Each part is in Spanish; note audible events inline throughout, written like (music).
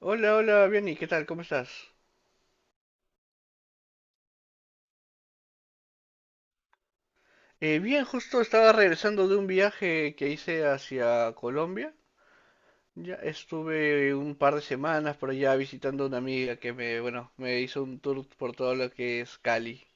Hola, hola, bien, ¿y qué tal? ¿Cómo estás? Bien, justo estaba regresando de un viaje que hice hacia Colombia. Ya estuve un par de semanas por allá visitando a una amiga que me, bueno, me hizo un tour por todo lo que es Cali.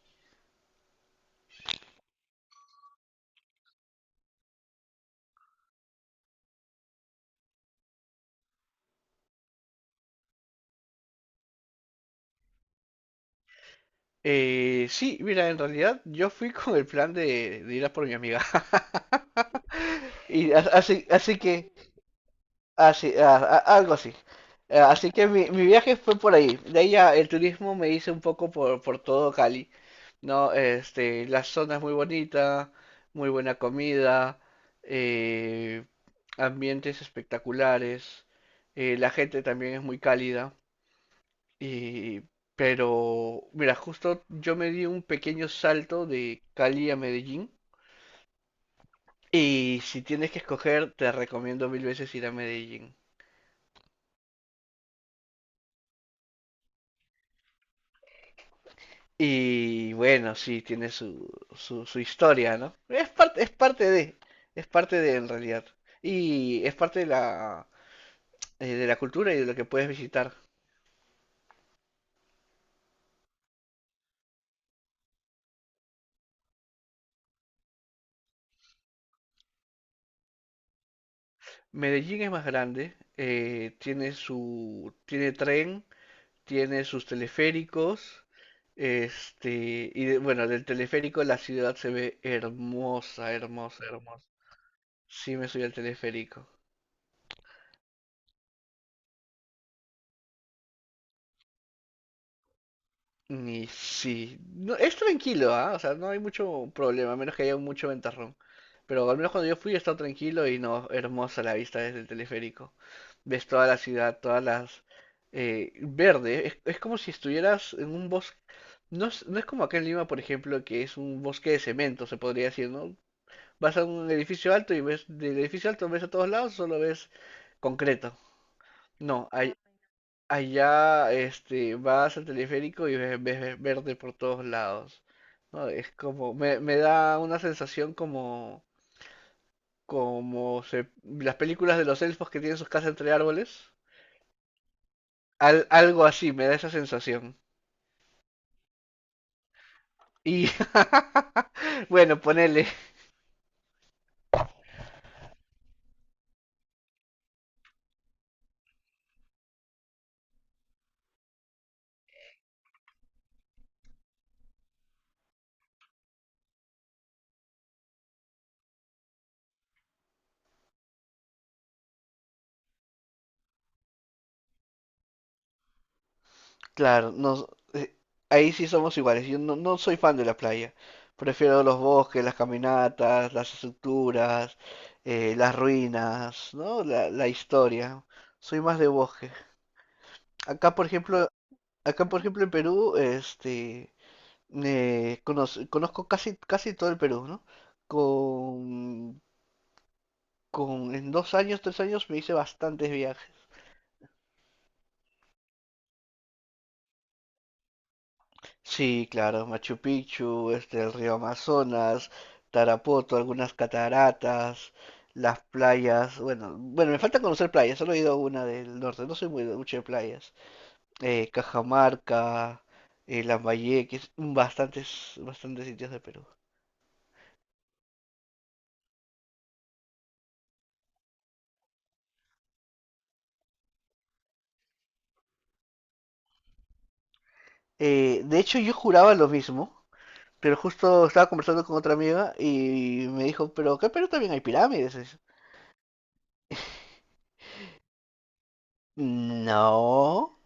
Sí, mira, en realidad yo fui con el plan de ir a por mi amiga. (laughs) Y así que, así, algo así. Así que mi viaje fue por ahí. De ahí ya el turismo me hice un poco por todo Cali, ¿no? La zona es muy bonita, muy buena comida, eh, ambientes espectaculares, la gente también es muy cálida. Y, pero, mira, justo yo me di un pequeño salto de Cali a Medellín. Y si tienes que escoger, te recomiendo mil veces ir a Medellín. Y bueno, sí, tiene su historia, ¿no? Es parte de en realidad. Y es parte de la cultura y de lo que puedes visitar. Medellín es más grande, tiene tren, tiene sus teleféricos, y bueno, del teleférico la ciudad se ve hermosa, hermosa, hermosa. Sí me subí al teleférico. Y sí, no, es tranquilo, ¿ah? O sea, no hay mucho problema, a menos que haya mucho ventarrón. Pero al menos cuando yo fui estaba tranquilo y no, hermosa la vista desde el teleférico. Ves toda la ciudad, todas las, verde, es como si estuvieras en un bosque. No es como acá en Lima, por ejemplo, que es un bosque de cemento, se podría decir, ¿no? Vas a un edificio alto y ves, del edificio alto ves a todos lados, solo ves concreto. No, hay, allá, vas al teleférico y ves, ves verde por todos lados, ¿no? Es como, me da una sensación como, como las películas de los elfos que tienen sus casas entre árboles. Algo así, me da esa sensación. Y, (laughs) bueno, ponele. Claro, no, eh, ahí sí somos iguales. Yo no soy fan de la playa. Prefiero los bosques, las caminatas, las estructuras, las ruinas, ¿no? La historia. Soy más de bosque. Acá, por ejemplo, acá, por ejemplo, en Perú, conozco casi, casi todo el Perú, ¿no? Con, con, en 2 años, 3 años me hice bastantes viajes. Sí, claro, Machu Picchu, el río Amazonas, Tarapoto, algunas cataratas, las playas. Bueno, bueno, me falta conocer playas, solo he ido a una del norte, no soy muy mucho de playas. Cajamarca, Lambayeque, bastantes sitios de Perú. De hecho, yo juraba lo mismo, pero justo estaba conversando con otra amiga y me dijo, pero acá en Perú también hay pirámides. Y. No.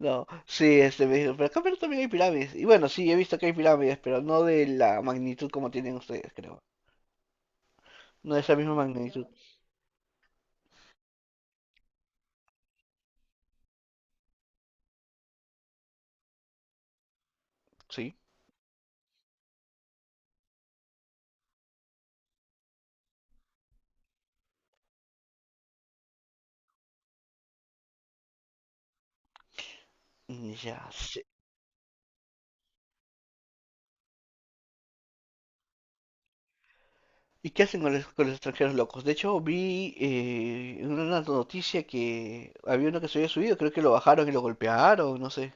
No, sí, me dijo, pero acá en Perú también hay pirámides. Y bueno, sí, he visto que hay pirámides, pero no de la magnitud como tienen ustedes, creo. No de esa misma magnitud. Sí. Ya sé. ¿Y qué hacen con los, extranjeros locos? De hecho, vi en una noticia que había uno que se había subido, creo que lo bajaron y lo golpearon, no sé.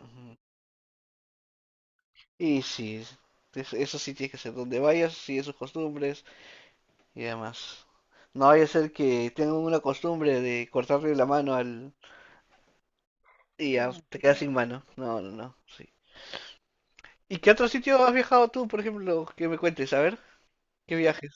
Ujú. Y sí, eso sí tiene que ser. Donde vayas, sigue sus costumbres y demás. No vaya a ser que tengan una costumbre de cortarle la mano al. Y ya, te quedas sin mano. No, no, no. Sí. ¿Y qué otro sitio has viajado tú, por ejemplo, que me cuentes? A ver, ¿qué viajes?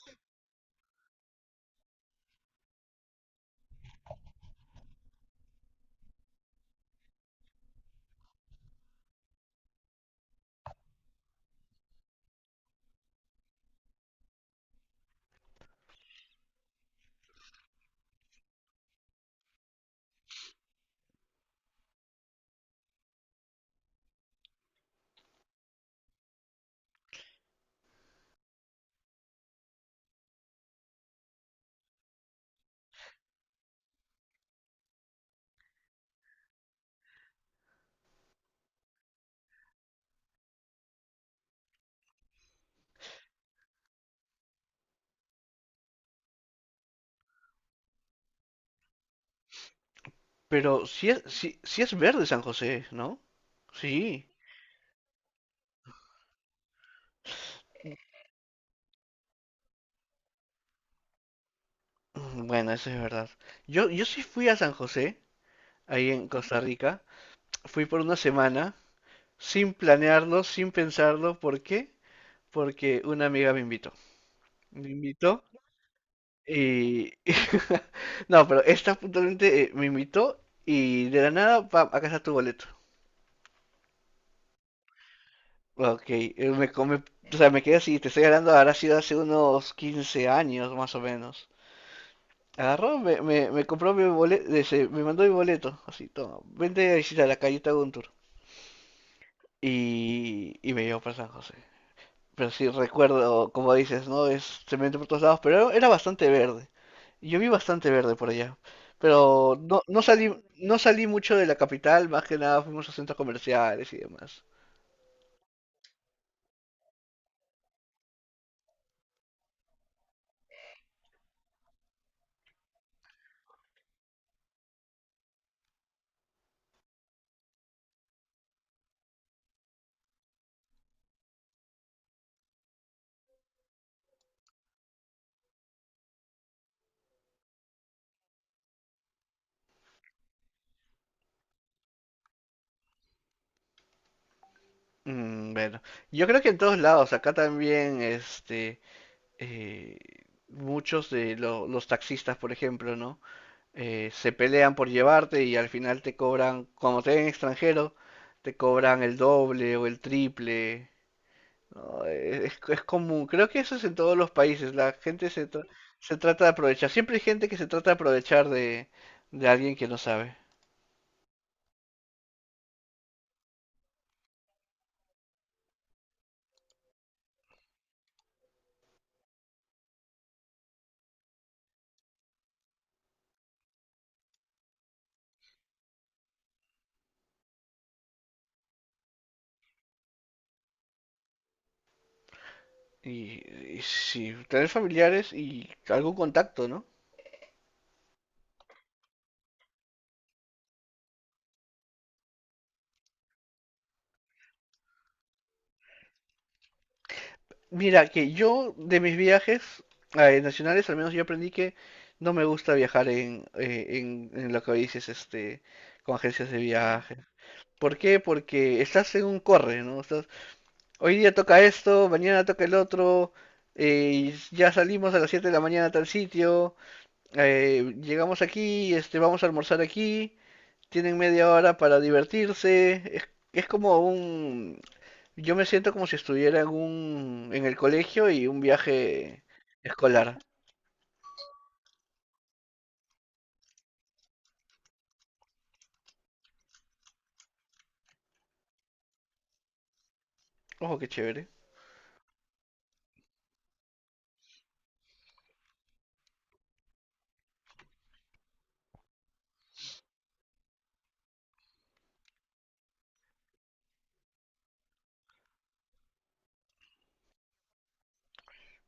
Pero si es, si es verde San José, ¿no? Sí. Bueno, eso es verdad. Yo sí fui a San José, ahí en Costa Rica. Fui por una semana, sin planearlo, sin pensarlo. ¿Por qué? Porque una amiga me invitó. Me invitó y. (laughs) No, pero esta puntualmente me invitó y de la nada, pam, acá está tu boleto. Ok, o sea, me quedé así, te estoy hablando, ahora, ha sido hace unos 15 años más o menos. Agarró, me compró mi boleto, me mandó mi boleto, así, toma, vente a visitar la callita Guntur. Y me llevó para San José. Pero sí, recuerdo, como dices, ¿no? Es cemento por todos lados, pero era bastante verde. Yo vi bastante verde por allá. Pero no, no salí mucho de la capital, más que nada fuimos a centros comerciales y demás. Bueno, yo creo que en todos lados, acá también, eh, muchos de los taxistas, por ejemplo, ¿no? Se pelean por llevarte y al final te cobran, como te ven extranjero, te cobran el doble o el triple, ¿no? Es común, creo que eso es en todos los países, la gente se trata de aprovechar, siempre hay gente que se trata de aprovechar de alguien que no sabe. Y, y si tenés familiares y algún contacto, ¿no? Mira, que yo de mis viajes nacionales, al menos yo aprendí que no me gusta viajar en lo que dices, con agencias de viaje. ¿Por qué? Porque estás en un corre, ¿no? Estás, hoy día toca esto, mañana toca el otro, y ya salimos a las 7 de la mañana a tal sitio, llegamos aquí, vamos a almorzar aquí, tienen media hora para divertirse. Es como un. Yo me siento como si estuviera en el colegio y un viaje escolar. Ojo, qué chévere.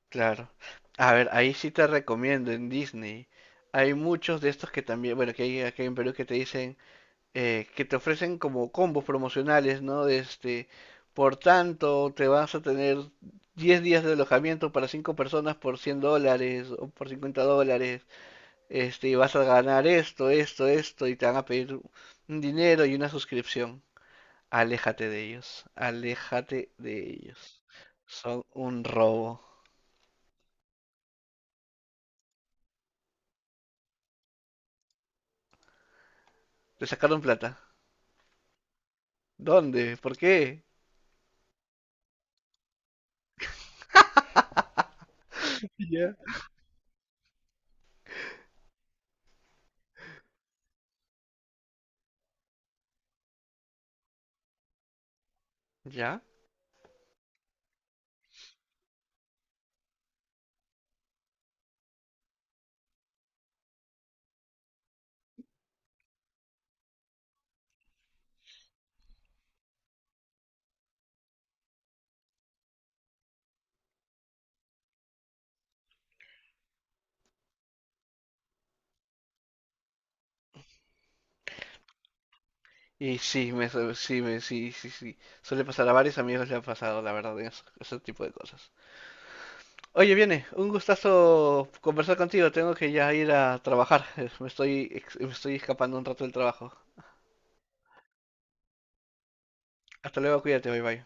Claro. A ver, ahí sí te recomiendo en Disney. Hay muchos de estos que también, bueno, que hay aquí en Perú que te dicen, que te ofrecen como combos promocionales, ¿no? De este, por tanto, te vas a tener 10 días de alojamiento para 5 personas por $100 o por $50. Y vas a ganar esto, esto, esto, y te van a pedir un dinero y una suscripción. Aléjate de ellos, aléjate de ellos. Son un robo. Te sacaron plata. ¿Dónde? ¿Por qué? (laughs) Ya. ¿Ya? Y sí, me, su- sí, me, sí, sí, sí. Suele pasar a varios amigos le han pasado, la verdad, en ese tipo de cosas. Oye, viene, un gustazo conversar contigo. Tengo que ya ir a trabajar. (laughs) Me estoy escapando un rato del trabajo. Hasta luego, cuídate, bye bye.